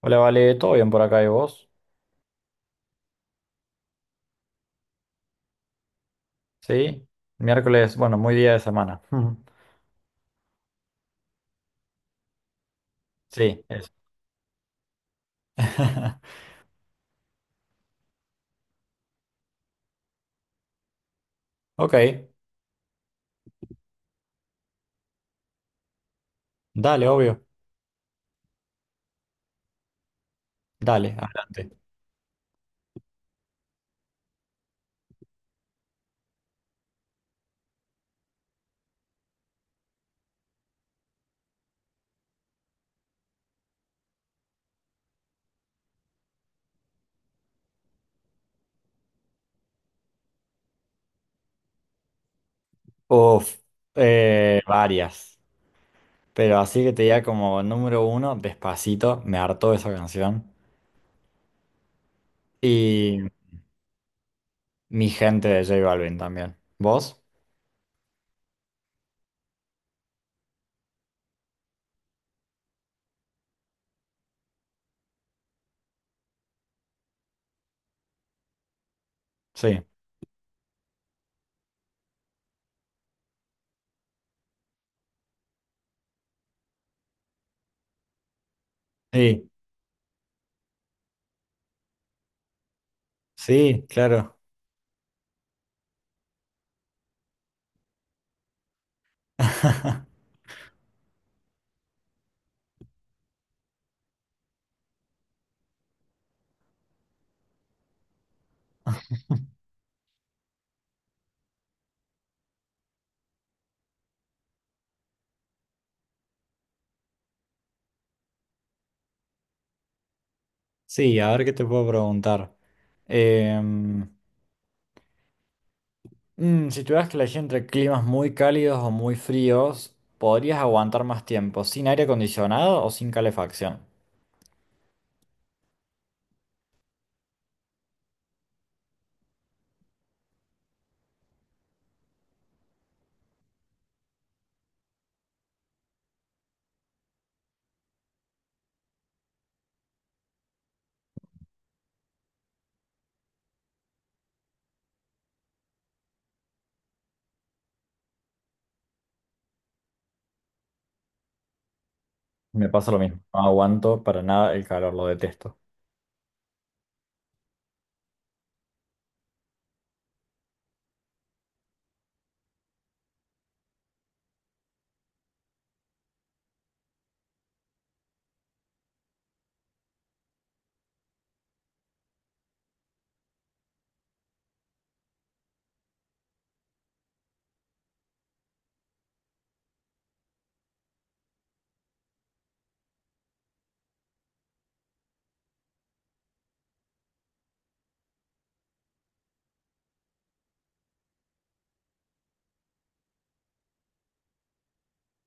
Hola, Vale, ¿todo bien por acá y vos? Sí, miércoles, bueno, muy día de semana. Ujú. Sí, eso. Ok, dale, obvio, dale, adelante. Uf, varias, pero así que te diga como número uno, Despacito, me hartó esa canción. Y Mi Gente de J Balvin también. ¿Vos? Sí, sí, sí, claro. Sí, a ver qué te puedo preguntar. Em, si tuvieras que elegir entre climas muy cálidos o muy fríos, ¿podrías aguantar más tiempo sin aire acondicionado o sin calefacción? Me pasa lo mismo, no aguanto para nada el calor, lo detesto.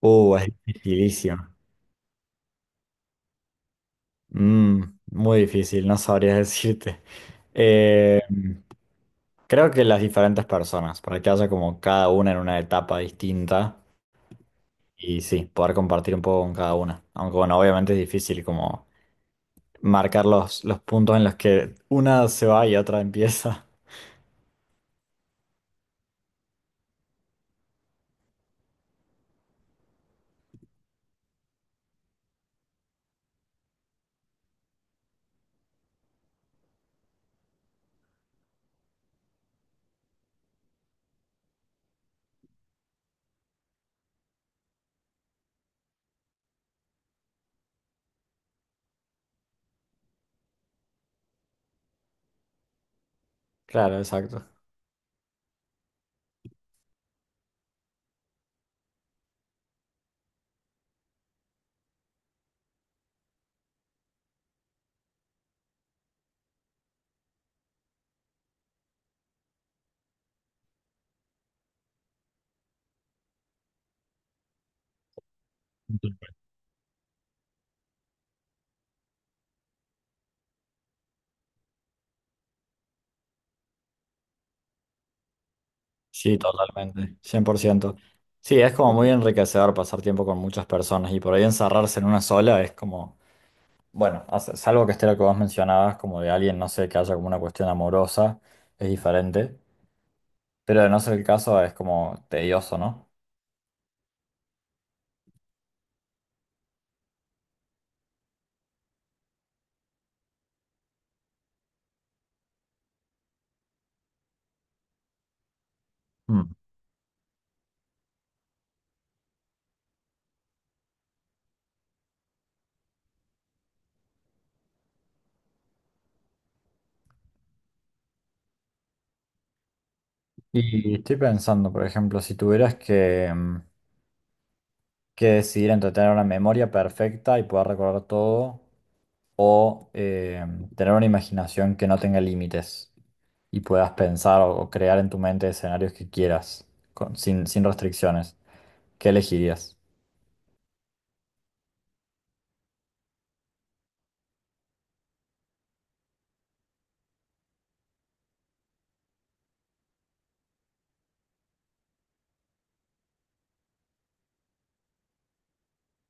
Es dificilísimo. Mm, muy difícil, no sabría decirte. Eh, creo que las diferentes personas, para que haya como cada una en una etapa distinta y sí, poder compartir un poco con cada una. Aunque bueno, obviamente es difícil como marcar los puntos en los que una se va y otra empieza. Claro, exacto. Sí, totalmente, cien por ciento. Sí, es como muy enriquecedor pasar tiempo con muchas personas y por ahí encerrarse en una sola es como, bueno, salvo que esté lo que vos mencionabas, como de alguien, no sé, que haya como una cuestión amorosa, es diferente, pero de no ser el caso es como tedioso, ¿no? Mm. Y estoy pensando, por ejemplo, si tuvieras que, mm, que decidir entre tener una memoria perfecta y poder recordar todo o tener una imaginación que no tenga límites. Y puedas pensar o crear en tu mente escenarios que quieras, sin, sin restricciones. ¿Qué elegirías?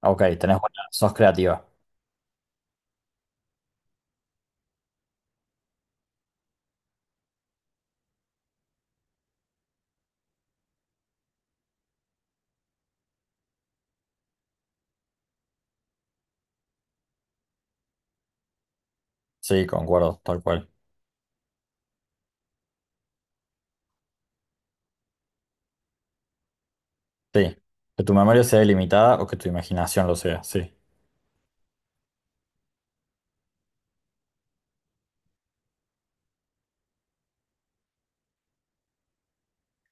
Ok, tenés buena, sos creativa. Sí, concuerdo, tal cual. Sí. Que tu memoria sea ilimitada o que tu imaginación lo sea, sí.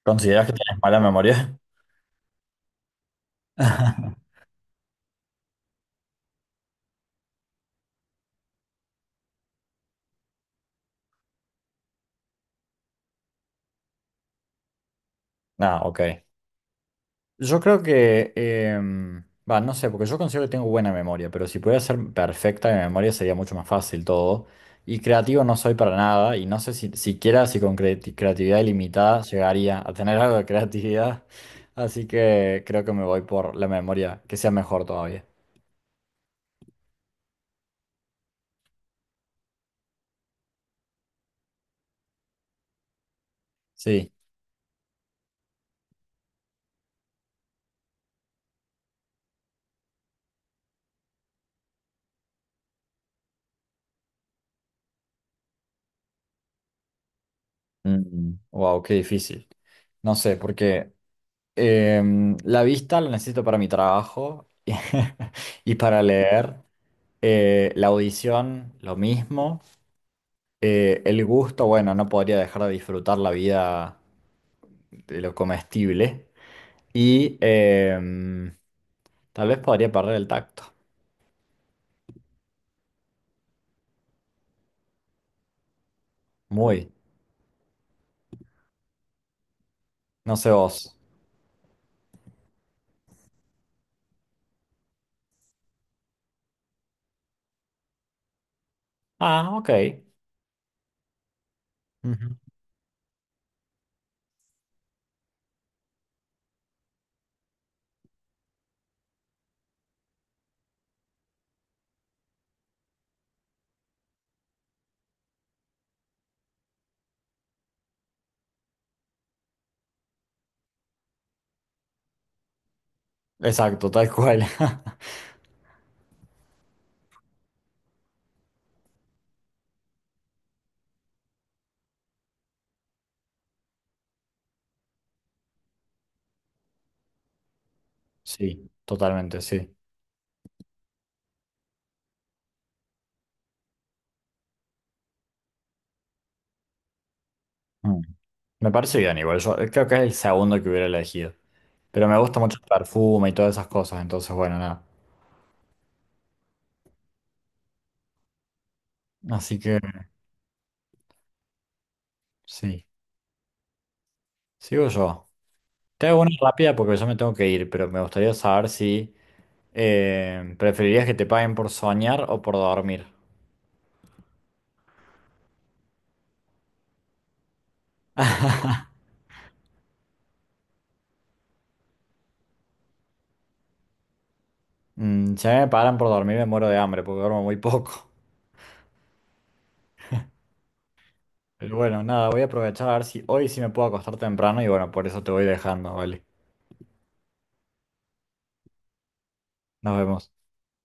¿Consideras que tienes mala memoria? Ah, ok. Yo creo que, em, va, no sé, porque yo considero que tengo buena memoria, pero si pudiera ser perfecta mi memoria sería mucho más fácil todo. Y creativo no soy para nada, y no sé si siquiera si con creatividad ilimitada llegaría a tener algo de creatividad. Así que creo que me voy por la memoria, que sea mejor todavía. Sí. Wow, qué difícil. No sé, porque la vista la necesito para mi trabajo y para leer. La audición, lo mismo. Eh, el gusto, bueno, no podría dejar de disfrutar la vida de lo comestible. Y tal vez podría perder el tacto. Muy. No sé vos. Ah, ok. Ujú. Exacto, tal cual. Sí, totalmente, sí. Mm. Me parece bien igual. Yo creo que es el segundo que hubiera elegido. Pero me gusta mucho el perfume y todas esas cosas, entonces bueno, nada. Así que sí, sigo yo. Te hago una rápida porque yo me tengo que ir, pero me gustaría saber si ¿preferirías que te paguen por soñar o por dormir? Mm, si a mí me pagan por dormir me muero de hambre porque duermo muy poco. Pero bueno, nada, voy a aprovechar a ver si hoy sí me puedo acostar temprano y bueno, por eso te voy dejando, ¿vale? Nos vemos.